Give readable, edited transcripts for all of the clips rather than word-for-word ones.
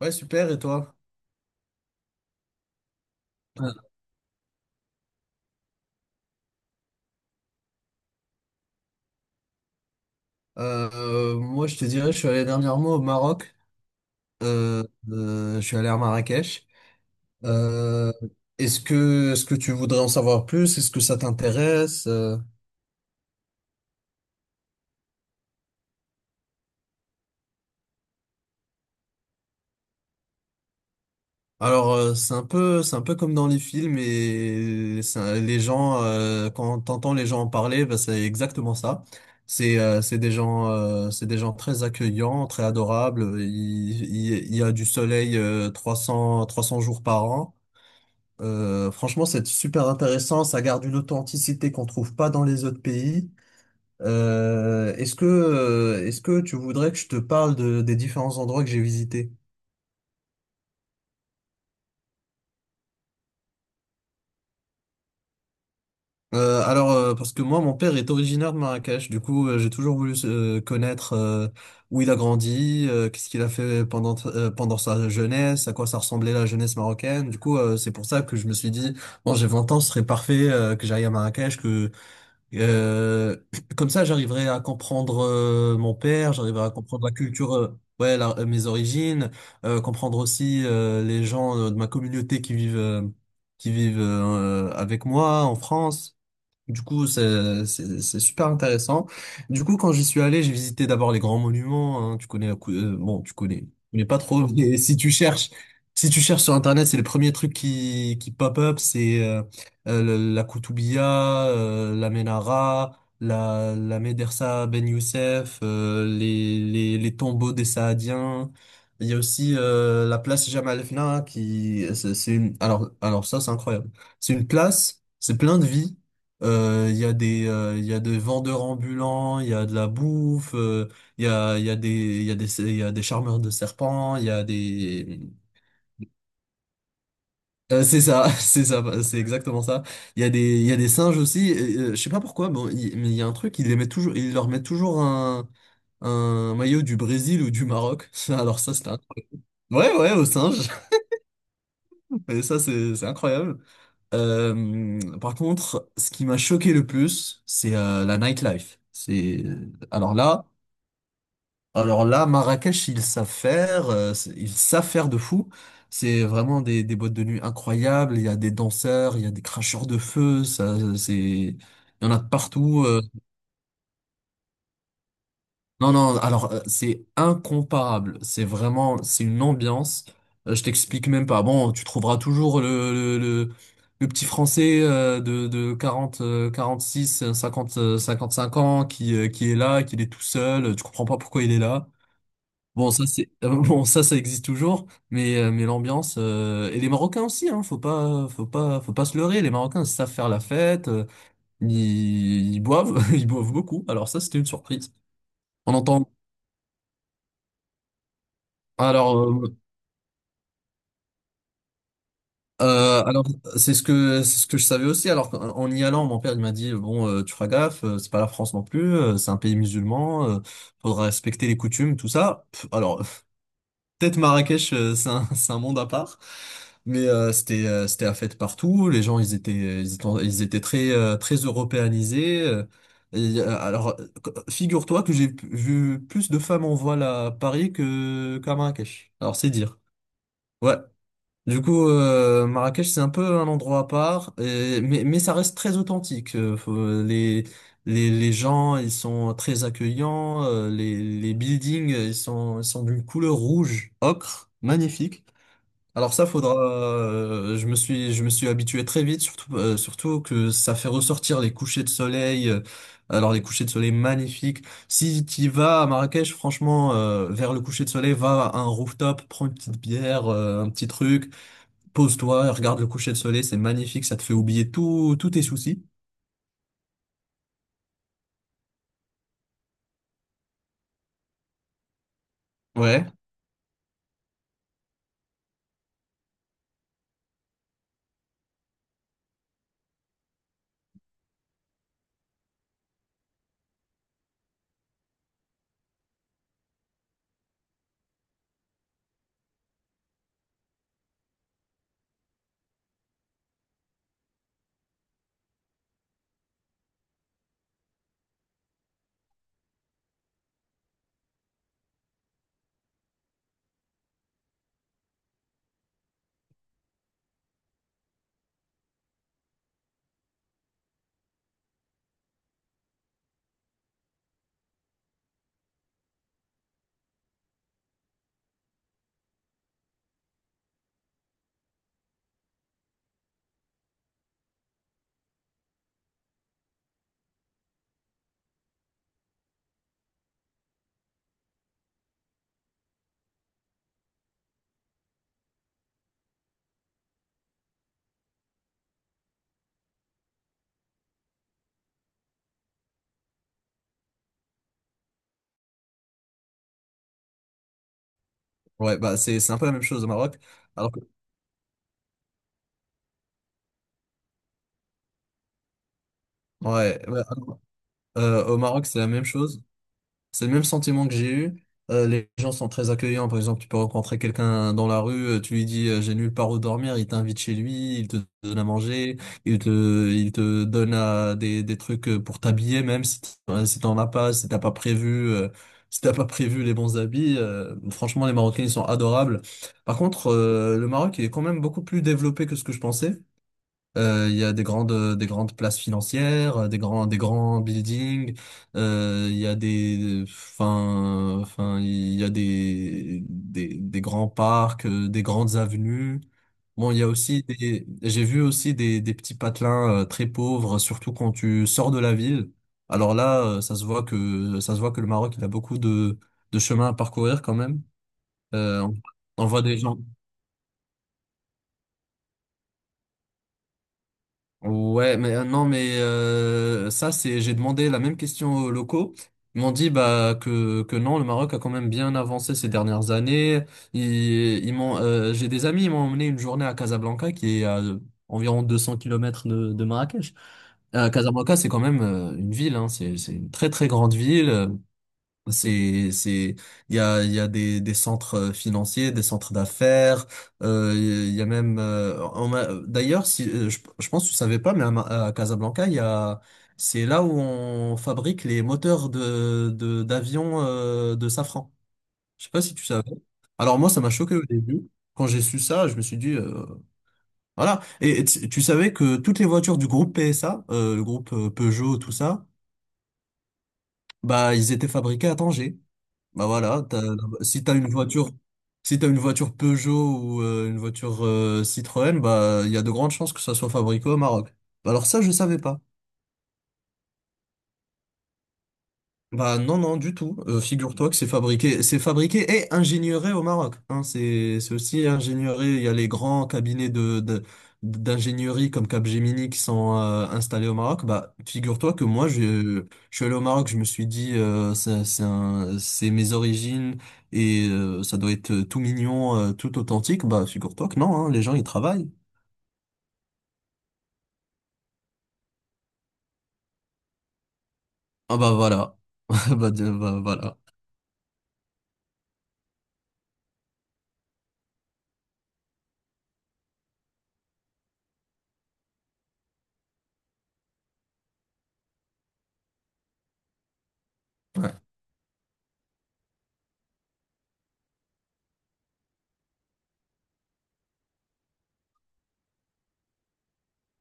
Ouais, super, et toi? Moi, je te dirais, je suis allé dernièrement au Maroc. Euh, je suis allé à Marrakech. Euh, est-ce que tu voudrais en savoir plus? Est-ce que ça t'intéresse? Alors, c'est un peu comme dans les films et les gens, quand t'entends les gens en parler, bah, c'est exactement ça. C'est c'est des gens très accueillants, très adorables. Il y a du soleil, 300, 300 jours par an. Franchement, c'est super intéressant. Ça garde une authenticité qu'on trouve pas dans les autres pays. Est-ce que tu voudrais que je te parle des différents endroits que j'ai visités? Alors, parce que moi, mon père est originaire de Marrakech. Du coup, j'ai toujours voulu connaître où il a grandi, qu'est-ce qu'il a fait pendant sa jeunesse, à quoi ça ressemblait la jeunesse marocaine. Du coup, c'est pour ça que je me suis dit, bon, j'ai 20 ans, ce serait parfait que j'aille à Marrakech, que Euh, comme ça, j'arriverai à comprendre mon père, j'arriverai à comprendre la culture, ouais, mes origines, comprendre aussi les gens de ma communauté qui vivent avec moi en France. Du coup, c'est super intéressant. Du coup, quand j'y suis allé, j'ai visité d'abord les grands monuments, hein. Tu connais la cou- Bon, tu connais, mais pas trop. Mais si tu cherches, si tu cherches sur Internet, c'est le premier truc qui pop up, c'est la Koutoubia, la Menara, la Médersa Ben Youssef, les tombeaux des Saadiens. Il y a aussi la place Jamal Fna qui c'est une alors ça c'est incroyable. C'est une place, c'est plein de vie. Il y a des vendeurs ambulants, il y a de la bouffe, il y a des, il y a des, il y a des charmeurs de serpents, il y a des, c'est ça, c'est ça, c'est exactement ça. Il y a des singes aussi. Et, je sais pas pourquoi, bon, mais il y a un truc, ils leur mettent toujours un maillot du Brésil ou du Maroc. Alors ça, c'était incroyable. Ouais, ouais, aux singes. Et ça, c'est incroyable. Par contre, ce qui m'a choqué le plus, c'est la nightlife. Alors là. Alors là, Marrakech, ils savent faire, ils savent faire de fou. C'est vraiment des boîtes de nuit incroyables. Il y a des danseurs, il y a des cracheurs de feu. Il y en a de partout, Non, non. C'est incomparable. C'est une ambiance. Je t'explique même pas. Bon, tu trouveras toujours le petit Français de 40 six cinquante- cinq ans qui est là, qui est tout seul. Tu comprends pas pourquoi il est là. Bon, ça c'est bon, ça existe toujours, mais l'ambiance et les Marocains aussi, hein, faut pas se leurrer, les Marocains savent faire la fête, ils boivent, ils boivent beaucoup. Alors ça c'était une surprise. On entend alors euh, alors c'est ce que je savais aussi. En y allant, mon père il m'a dit bon, tu feras gaffe, c'est pas la France non plus, c'est un pays musulman, faudra respecter les coutumes, tout ça. Pff, alors… Peut-être Marrakech, c'est un, c'est un monde à part. Mais c'était c'était à fête partout. Les gens, ils étaient très très européanisés. Et, euh, alors, euh, Figure-toi que vu plus de femmes en voile à Paris que qu'à Marrakech. Alors, c'est dire. Ouais. Du coup, Marrakech, c'est un peu un endroit à part, mais ça reste très authentique. Les gens, ils sont très accueillants, les buildings, ils sont d'une couleur rouge, ocre, magnifique. Alors ça, faudra, je me suis habitué très vite, surtout que ça fait ressortir les couchers de soleil, alors les couchers de soleil magnifiques. Si tu vas à Marrakech, franchement, vers le coucher de soleil, va à un rooftop, prends une petite bière, un petit truc. Pose-toi, regarde le coucher de soleil, c'est magnifique, ça te fait oublier tout, tous tes soucis. Ouais. Ouais, bah c'est un peu la même chose au Maroc. Alors que, ouais, ouais, au Maroc, c'est la même chose. C'est le même sentiment que j'ai eu. Les gens sont très accueillants. Par exemple, tu peux rencontrer quelqu'un dans la rue, tu lui dis, j'ai nulle part où dormir, il t'invite chez lui, il te donne à manger, il te donne à des trucs pour t'habiller, même si t'en as pas, si t'as pas prévu, si t'as pas prévu les bons habits. Franchement, les Marocains, ils sont adorables. Par contre, le Maroc, il est quand même beaucoup plus développé que ce que je pensais. Il y a des grandes places financières, des grands buildings. Il y a des, enfin, enfin, il y a des grands parcs, des grandes avenues. Bon, il y a aussi des, j'ai vu aussi des petits patelins très pauvres, surtout quand tu sors de la ville. Alors là, ça se voit que le Maroc, il a beaucoup de chemin à parcourir quand même. Euh, on on voit des gens. Non, ça, j'ai demandé la même question aux locaux. Ils m'ont dit bah que non, le Maroc a quand même bien avancé ces dernières années. J'ai des amis, ils m'ont emmené une journée à Casablanca, qui est à environ 200 kilomètres de Marrakech. Casablanca, c'est quand même une ville, hein, c'est une très très grande ville. C'est, il y a, Il y a des centres financiers, des centres d'affaires, il y a même, d'ailleurs, si, je pense que tu savais pas, mais à Casablanca, c'est là où on fabrique les moteurs d'avions, de safran. Je sais pas si tu savais. Alors moi, ça m'a choqué au début. Quand j'ai su ça, je me suis dit, voilà. Et, tu savais que toutes les voitures du groupe PSA, le groupe Peugeot, tout ça, bah, ils étaient fabriqués à Tanger. Bah voilà, si t'as une voiture, si t'as une voiture Peugeot ou une voiture Citroën, bah il y a de grandes chances que ça soit fabriqué au Maroc. Bah alors ça, je savais pas. Bah non, non, du tout. Figure-toi que c'est fabriqué et ingénieur au Maroc. Hein, c'est aussi ingénieur. Il y a les grands cabinets d'ingénierie comme Capgemini qui sont installés au Maroc. Bah figure-toi que je suis allé au Maroc, je me suis dit, c'est mes origines et ça doit être tout mignon, tout authentique. Bah figure-toi que non, hein, les gens ils travaillent. Ah bah voilà. Bah voilà.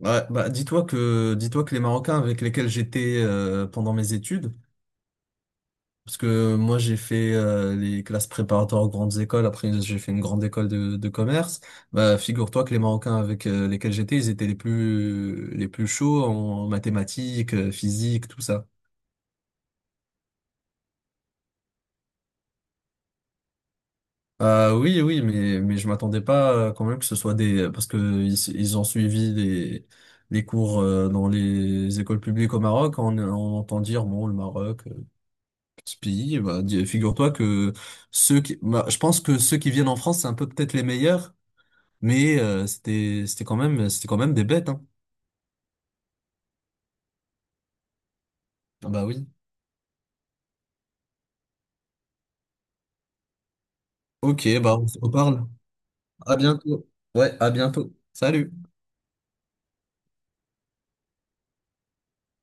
Ouais, bah dis-toi que les Marocains avec lesquels j'étais pendant mes études, parce que moi j'ai fait les classes préparatoires aux grandes écoles, après j'ai fait une grande école de commerce, bah figure-toi que les Marocains avec lesquels j'étais, ils étaient les plus chauds en mathématiques, physique, tout ça. Ah oui, oui, mais je m'attendais pas quand même que ce soit des, parce que ils ont suivi les cours dans les écoles publiques au Maroc, on entend dire bon le Maroc. Ce pays, bah, figure-toi que je pense que ceux qui viennent en France, c'est un peu peut-être les meilleurs, c'était quand même des bêtes, hein. Ah bah oui. Ok, bah on se reparle. À bientôt. Ouais, à bientôt. Salut.